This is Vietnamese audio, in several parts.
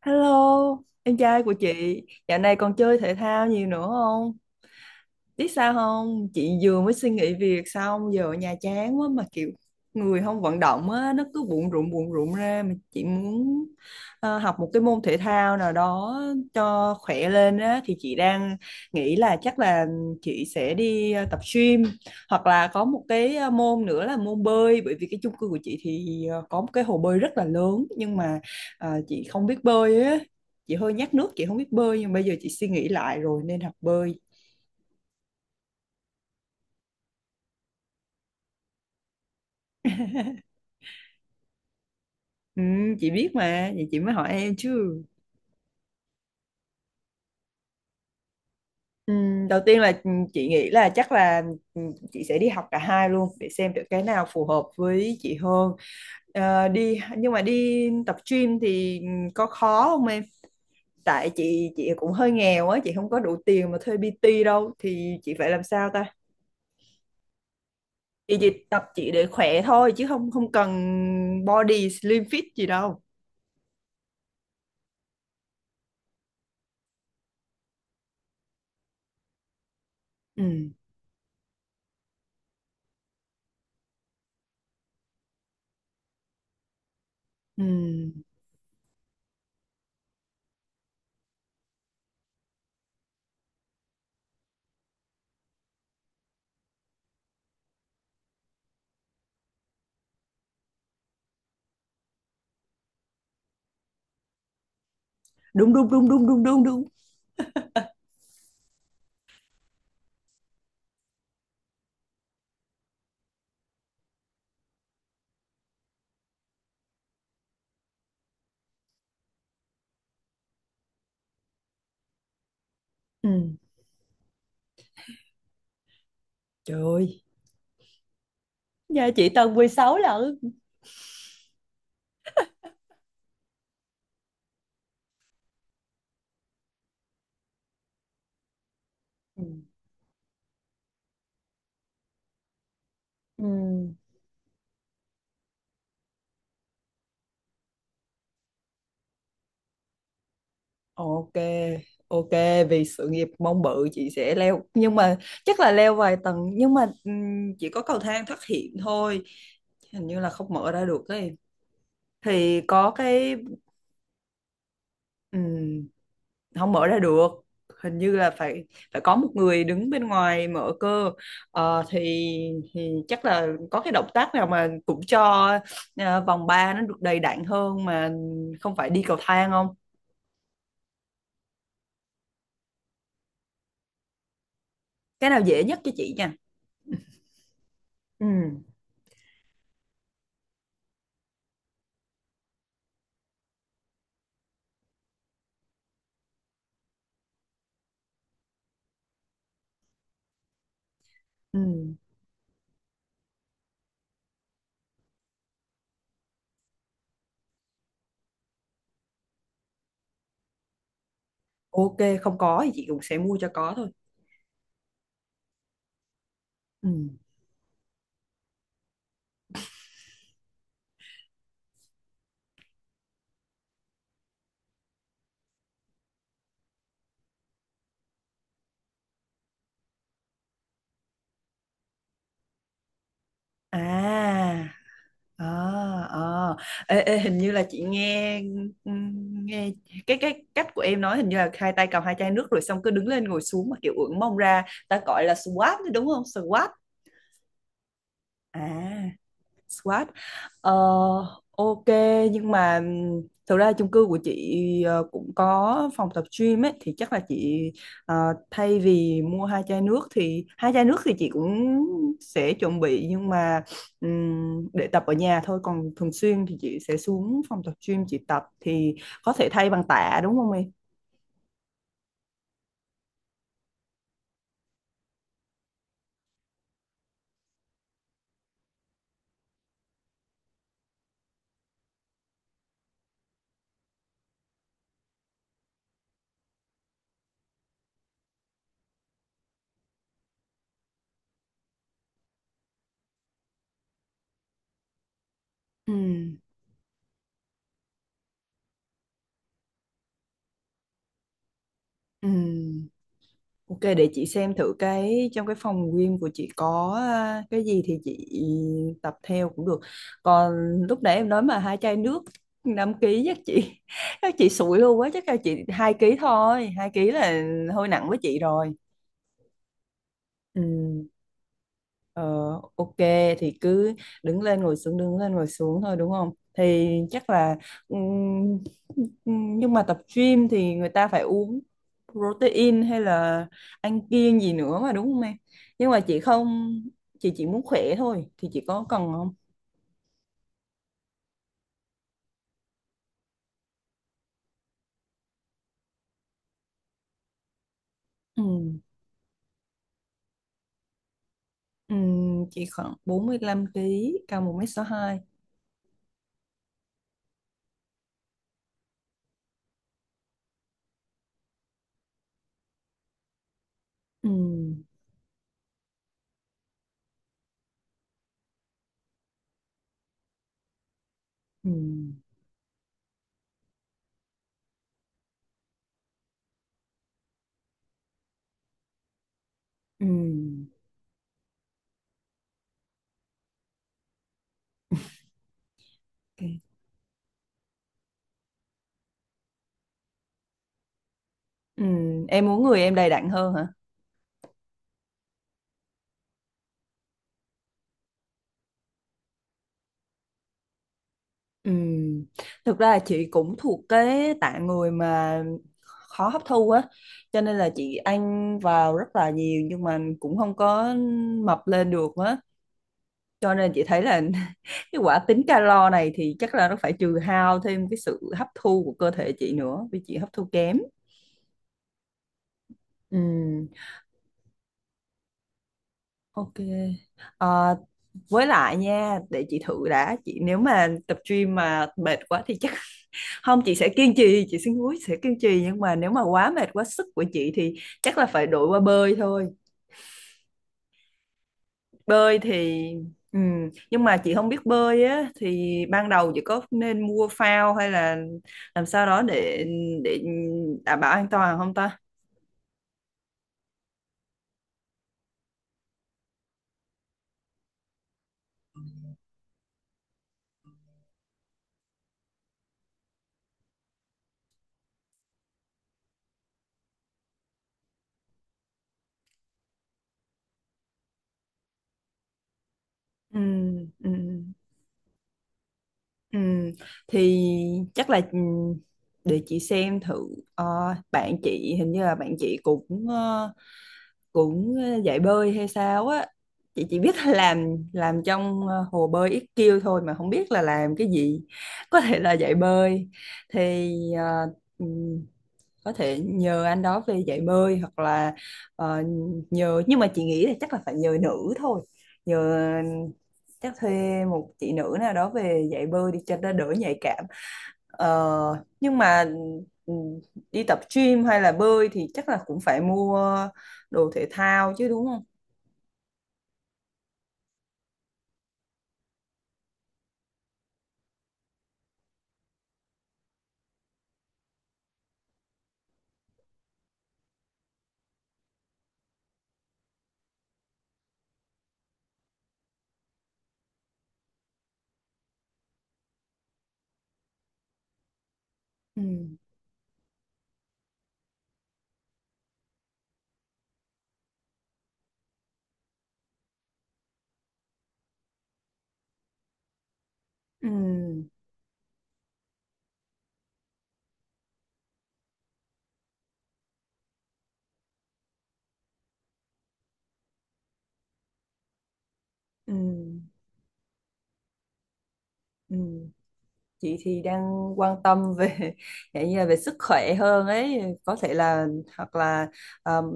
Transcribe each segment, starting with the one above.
Hello, em trai của chị, dạo này còn chơi thể thao nhiều nữa không? Biết sao không chị vừa mới suy nghĩ việc xong giờ ở nhà chán quá mà kiểu người không vận động á nó cứ bụng rụng ra mà chị muốn học một cái môn thể thao nào đó cho khỏe lên á thì chị đang nghĩ là chắc là chị sẽ đi tập gym hoặc là có một cái môn nữa là môn bơi bởi vì cái chung cư của chị thì có một cái hồ bơi rất là lớn nhưng mà chị không biết bơi á, chị hơi nhát nước chị không biết bơi nhưng bây giờ chị suy nghĩ lại rồi nên học bơi. Ừ, chị biết mà, vậy chị mới hỏi em chứ. Ừ, đầu tiên là chị nghĩ là chắc là ừ, chị sẽ đi học cả hai luôn để xem được cái nào phù hợp với chị hơn. Ờ, đi nhưng mà đi tập gym thì có khó không em? Tại chị cũng hơi nghèo á, chị không có đủ tiền mà thuê PT đâu thì chị phải làm sao ta? Chị chỉ tập chị để khỏe thôi chứ không không cần body slim fit gì đâu. Ừ, ừ, ừ. Đúng đúng đúng đúng đúng đúng đúng. Ừ. Trời ơi. Dạ chị tầng 16 lận. Ừ. Ừ. Ok, ok, vì sự nghiệp mong bự chị sẽ leo nhưng mà chắc là leo vài tầng nhưng mà chỉ có cầu thang thoát hiểm thôi, hình như là không mở ra được ấy thì có cái ừm, không mở ra được, hình như là phải phải có một người đứng bên ngoài mở cơ. Ờ, thì chắc là có cái động tác nào mà cũng cho vòng 3 nó được đầy đặn hơn mà không phải đi cầu thang, cái nào dễ nhất cho chị nha. Ừ. Ừ. Ok, không có thì chị cũng sẽ mua cho có thôi. Ừ. À. À. Ờ. Ê, ê, hình như là chị nghe, ừ, nghe cái cách của em nói hình như là hai tay cầm hai chai nước rồi xong cứ đứng lên ngồi xuống mà kiểu ưỡn mông ra ta gọi là squat đúng không, squat? À. Squat. Ờ, ok, nhưng mà thực ra chung cư của chị cũng có phòng tập gym ấy thì chắc là chị ờ, thay vì mua hai chai nước thì hai chai nước thì chị cũng sẽ chuẩn bị nhưng mà để tập ở nhà thôi còn thường xuyên thì chị sẽ xuống phòng tập gym chị tập thì có thể thay bằng tạ đúng không em? Ừ. Ừ. Ok, để chị xem thử cái trong cái phòng gym của chị có à, cái gì thì chị tập theo cũng được. Còn lúc nãy em nói mà hai chai nước 5 ký chắc chị chắc chị sụi luôn quá, chắc là chị 2 ký thôi, 2 ký là hơi nặng với chị rồi. Ừ. Ờ, ok, thì cứ đứng lên ngồi xuống đứng lên ngồi xuống thôi đúng không? Thì chắc là ừm, nhưng mà tập gym thì người ta phải uống protein hay là ăn kiêng gì nữa mà đúng không em? Nhưng mà chị không, chị chỉ muốn khỏe thôi thì chị có cần không? Ừm, chị khoảng 45 kg cao 1m62. Ừm, ừm, ừm, ok. Em muốn người em đầy đặn hơn hả? Ừ, thực ra là chị cũng thuộc cái tạng người mà khó hấp thu á, cho nên là chị ăn vào rất là nhiều nhưng mà cũng không có mập lên được á, cho nên chị thấy là cái quả tính calo này thì chắc là nó phải trừ hao thêm cái sự hấp thu của cơ thể chị nữa vì chị hấp thu kém. Ừ, ok. Ờ, với lại nha, để chị thử đã chị, nếu mà tập gym mà mệt quá thì chắc không chị sẽ kiên trì chị xin húi sẽ kiên trì nhưng mà nếu mà quá mệt quá sức của chị thì chắc là phải đổi qua bơi thôi. Bơi thì ừ, nhưng mà chị không biết bơi á thì ban đầu chị có nên mua phao hay là làm sao đó để đảm bảo an toàn không ta? Ừ, ừ. Ừ, thì chắc là để chị xem thử. Ờ, bạn chị hình như là bạn chị cũng cũng dạy bơi hay sao á, chị chỉ biết là làm trong hồ bơi IQ thôi mà không biết là làm cái gì, có thể là dạy bơi thì ừ, có thể nhờ anh đó về dạy bơi hoặc là ờ, nhờ nhưng mà chị nghĩ là chắc là phải nhờ nữ thôi, nhờ chắc thuê một chị nữ nào đó về dạy bơi đi cho nó đỡ nhạy cảm. Ờ, nhưng mà ừ, đi tập gym hay là bơi thì chắc là cũng phải mua đồ thể thao chứ đúng không? Ừ. Ừ. Ừ. Ừ. Chị thì đang quan tâm về dạng như là về sức khỏe hơn ấy, có thể là hoặc là um,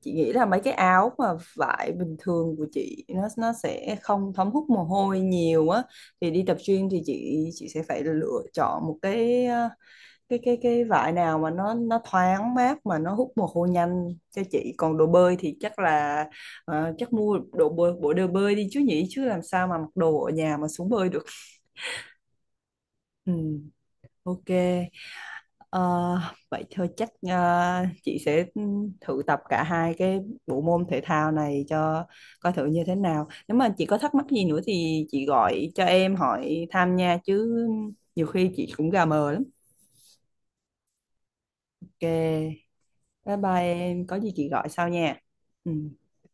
chị nghĩ là mấy cái áo mà vải bình thường của chị nó sẽ không thấm hút mồ hôi nhiều á thì đi tập gym thì chị sẽ phải lựa chọn một cái cái vải nào mà nó thoáng mát mà nó hút mồ hôi nhanh cho chị, còn đồ bơi thì chắc là chắc mua đồ bơi, bộ đồ bơi đi chứ nhỉ, chứ làm sao mà mặc đồ ở nhà mà xuống bơi được. Ừ, ok. Ờ, vậy thôi chắc chị sẽ thử tập cả hai cái bộ môn thể thao này cho coi thử như thế nào. Nếu mà chị có thắc mắc gì nữa thì chị gọi cho em hỏi thăm nha chứ nhiều khi chị cũng gà mờ lắm. Ok, bye bye em, có gì chị gọi sau nha. Ừ.